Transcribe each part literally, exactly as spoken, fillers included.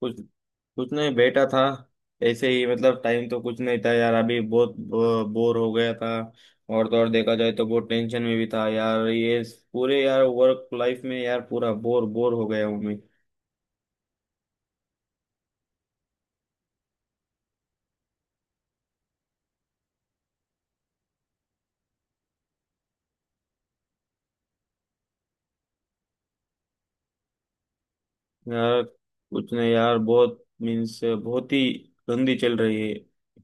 कुछ कुछ नहीं बैठा था। ऐसे ही मतलब टाइम तो कुछ नहीं था यार, अभी बहुत बोर हो गया था। और तो और देखा जाए तो बहुत टेंशन में भी था यार, ये पूरे यार वर्क लाइफ में यार पूरा बोर बोर हो गया हूँ मैं। यार कुछ नहीं यार, बहुत मीन्स बहुत ही गंदी चल रही है।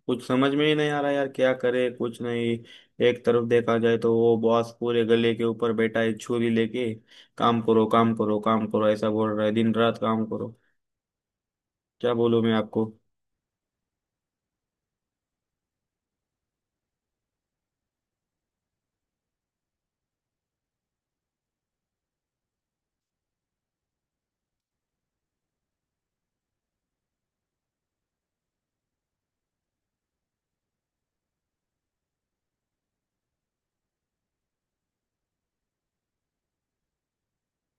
कुछ समझ में ही नहीं आ रहा यार, क्या करे कुछ नहीं। एक तरफ देखा जाए तो वो बॉस पूरे गले के ऊपर बैठा है छुरी लेके, काम करो काम करो काम करो ऐसा बोल रहा है, दिन रात काम करो। क्या बोलूं मैं आपको।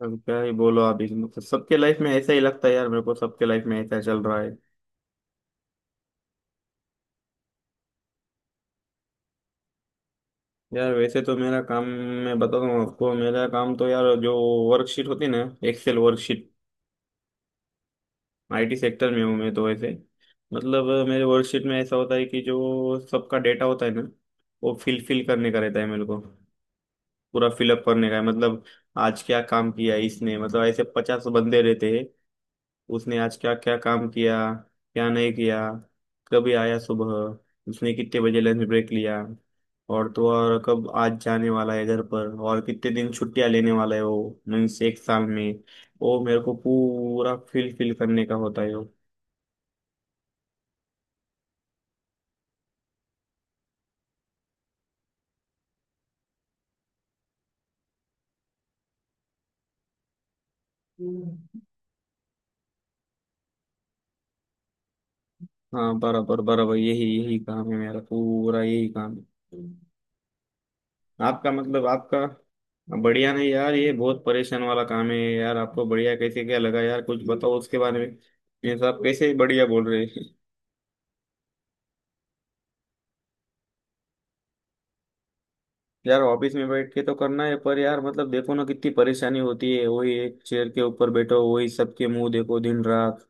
अब क्या ही बोलो आप, इस मतलब सबके लाइफ में ऐसा ही लगता है यार, मेरे को सबके लाइफ में ऐसा चल रहा है। यार वैसे तो मेरा काम, मैं बताता हूँ आपको, मेरा काम तो यार जो वर्कशीट होती है ना, एक्सेल वर्कशीट, आईटी सेक्टर में हूँ मैं तो ऐसे। मतलब मेरे वर्कशीट में ऐसा होता है कि जो सबका डेटा होता है ना वो फिल फिल करने का रहता है मेरे को। पूरा फिलअप करने का है मतलब। आज क्या काम किया इसने, मतलब ऐसे पचास बंदे रहते हैं। उसने आज क्या क्या काम किया, क्या नहीं किया, कभी आया सुबह, उसने कितने बजे लंच ब्रेक लिया, और तो और कब आज जाने वाला है घर पर, और कितने दिन छुट्टियां लेने वाला है वो मीन्स एक साल में, वो मेरे को पूरा फिल फिल करने का होता है वो। हाँ, बराबर बराबर, यही यही काम है मेरा, पूरा यही काम है। आपका मतलब, आपका बढ़िया नहीं यार, ये बहुत परेशान वाला काम है यार, आपको बढ़िया कैसे क्या लगा यार? कुछ बताओ उसके बारे में, ये सब कैसे बढ़िया बोल रहे हैं? यार ऑफिस में बैठ के तो करना है पर यार, मतलब देखो ना कितनी परेशानी होती है, वही एक चेयर के ऊपर बैठो, वही सबके मुंह देखो दिन रात।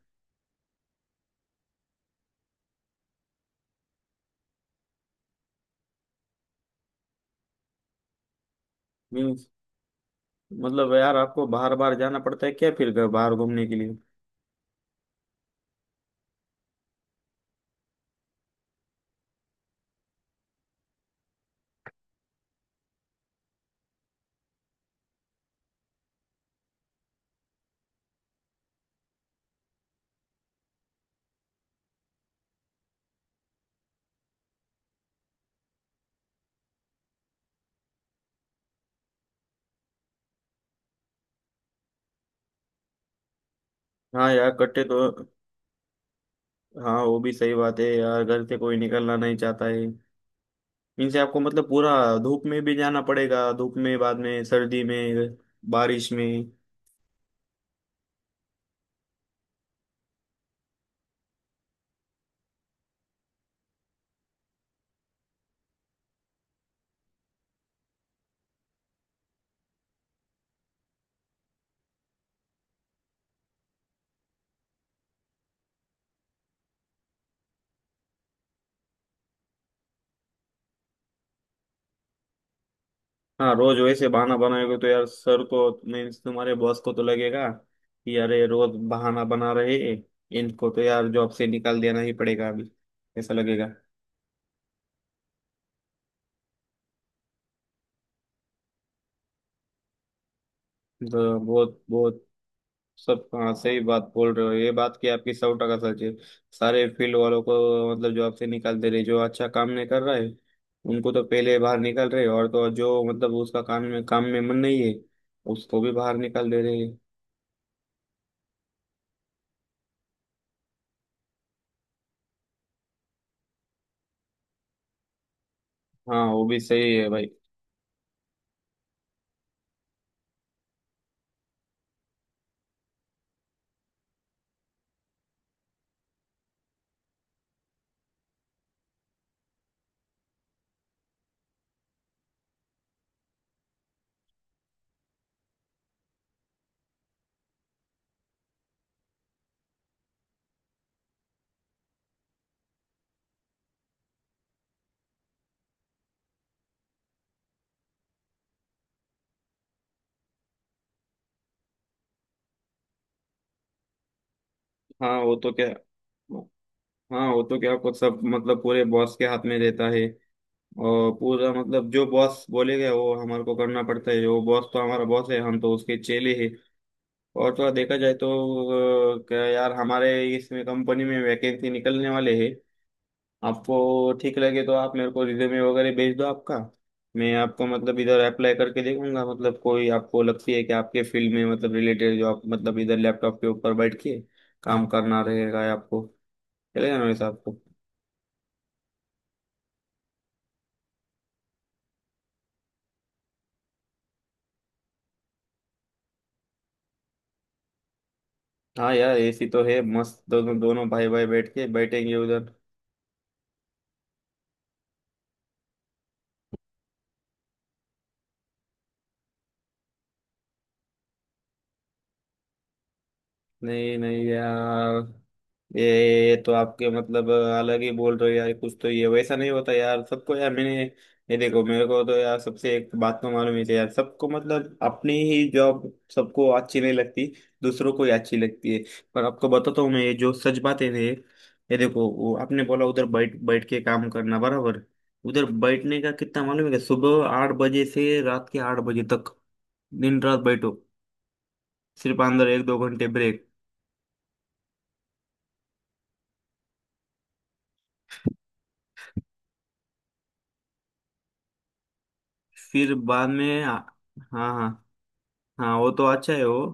मीन्स, मतलब यार आपको बाहर बाहर जाना पड़ता है क्या फिर घर- बाहर घूमने के लिए? हाँ यार कट्टे तो। हाँ वो भी सही बात है यार, घर से कोई निकलना नहीं चाहता है। मीन्स आपको मतलब पूरा धूप में भी जाना पड़ेगा, धूप में, बाद में सर्दी में, बारिश में। हाँ रोज वैसे बहाना बनाएंगे तो यार सर को, मीन्स तुम्हारे बॉस को तो लगेगा कि अरे रोज बहाना बना रहे हैं, इनको तो यार जॉब से निकाल देना ही पड़ेगा अभी, ऐसा लगेगा। तो बहुत बहुत सब, हाँ सही बात बोल रहे हो, ये बात की आपकी सौ टका सच है। सारे फील्ड वालों को मतलब जॉब से निकाल दे रहे जो अच्छा काम नहीं कर रहा है, उनको तो पहले बाहर निकाल रहे, और तो और जो मतलब उसका काम में काम में मन नहीं है उसको भी बाहर निकाल दे रहे। हाँ वो भी सही है भाई। हाँ वो तो क्या, हाँ वो तो क्या कुछ सब मतलब पूरे बॉस के हाथ में रहता है, और पूरा मतलब जो बॉस बोलेगा वो हमारे को करना पड़ता है, वो बॉस तो हमारा बॉस है, हम तो उसके चेले हैं। और थोड़ा देखा जाए तो अ, क्या यार हमारे इसमें कंपनी में वैकेंसी निकलने वाले हैं। आपको ठीक लगे तो आप मेरे को रिज्यूमे वगैरह भेज दो आपका, मैं आपको मतलब इधर अप्लाई करके देखूंगा, मतलब कोई आपको लगती है कि आपके फील्ड में मतलब रिलेटेड जो, आप मतलब इधर लैपटॉप के ऊपर बैठ के काम करना रहेगा, या आपको चलेगा ना वैसे आपको? हाँ यार, ऐसी तो है मस्त, दोनों दोनों भाई भाई बैठ के बैठेंगे उधर। नहीं नहीं यार, ये तो आपके मतलब अलग ही बोल रहे हो यार, कुछ तो ये वैसा नहीं होता यार सबको यार, मैंने ये देखो, मेरे को तो यार सबसे एक बात तो मालूम ही थी यार, सबको मतलब अपनी ही जॉब सबको अच्छी नहीं लगती, दूसरों को ही अच्छी लगती है। पर आपको बताता हूँ मैं ये जो सच बातें थे, ये देखो वो आपने बोला उधर बैठ बैठ के काम करना, बराबर, उधर बैठने का कितना मालूम है क्या? सुबह आठ बजे से रात के आठ बजे तक, दिन रात बैठो, सिर्फ अंदर एक दो घंटे ब्रेक। फिर बाद में आ- हाँ हाँ, हाँ वो तो अच्छा है वो।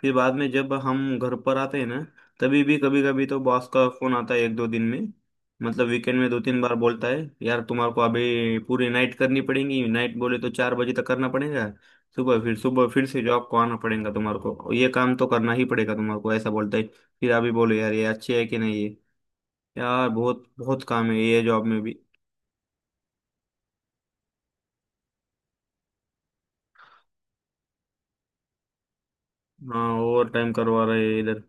फिर बाद में जब हम घर पर आते हैं ना, तभी भी कभी कभी तो बॉस का फोन आता है एक दो दिन में, मतलब वीकेंड में दो तीन बार बोलता है यार, तुम्हारे को अभी पूरी नाइट करनी पड़ेगी, नाइट बोले तो चार बजे तक करना पड़ेगा, सुबह फिर सुबह फिर से जॉब को आना पड़ेगा तुम्हारे को, ये काम तो करना ही पड़ेगा तुम्हारे को, ऐसा बोलता है। फिर अभी बोलो यार ये अच्छी है कि नहीं ये, यार बहुत बहुत काम है ये जॉब में भी। हाँ ओवर टाइम करवा रहे हैं इधर।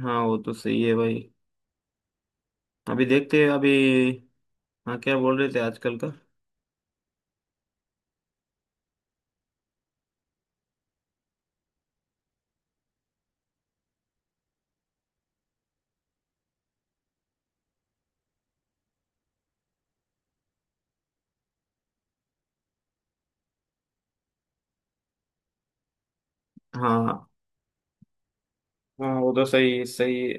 हाँ वो तो सही है भाई। अभी देखते हैं अभी। हाँ क्या बोल रहे थे आजकल का? हाँ, हाँ वो तो सही सही है।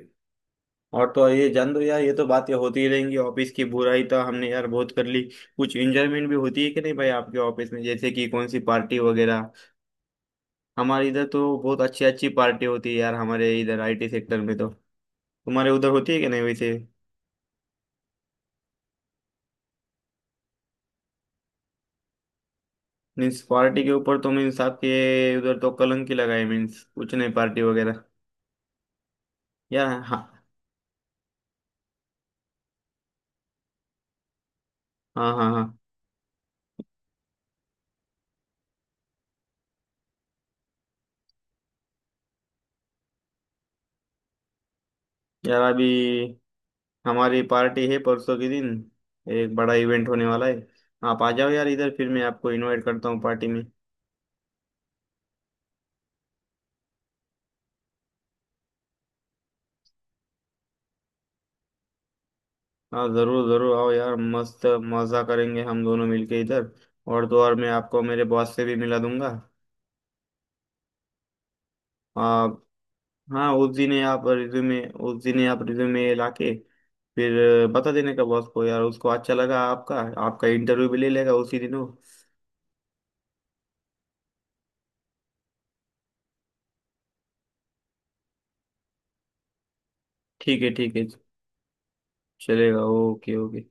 और तो ये जान दो यार, ये तो बातें होती ही रहेंगी, ऑफिस की बुराई तो हमने यार बहुत कर ली। कुछ एंजॉयमेंट भी होती है कि नहीं भाई आपके ऑफिस में, जैसे कि कौन सी पार्टी वगैरह? हमारे इधर तो बहुत अच्छी अच्छी पार्टी होती है यार, हमारे इधर आईटी सेक्टर में तो। तुम्हारे उधर होती है कि नहीं वैसे? मीन्स पार्टी के ऊपर तो मीन्स आपके उधर तो कलंक ही लगाए, मीन्स कुछ नहीं पार्टी वगैरह। यार हाँ, हाँ हाँ हाँ। यार अभी हमारी पार्टी है परसों के दिन, एक बड़ा इवेंट होने वाला है। आप आ जाओ यार इधर, फिर मैं आपको इनवाइट करता हूँ पार्टी में। हाँ जरूर जरूर आओ यार, मस्त मजा करेंगे हम दोनों मिलके इधर। और तो और मैं आपको मेरे बॉस से भी मिला दूंगा। आप, हाँ उस दिन ही आप रिज्यूमे, उस दिन ही आप रिज्यूमे लाके फिर बता देने का बॉस को यार, उसको अच्छा लगा आपका, आपका इंटरव्यू भी ले लेगा उसी दिन वो। ठीक है ठीक है, चलेगा, ओके ओके।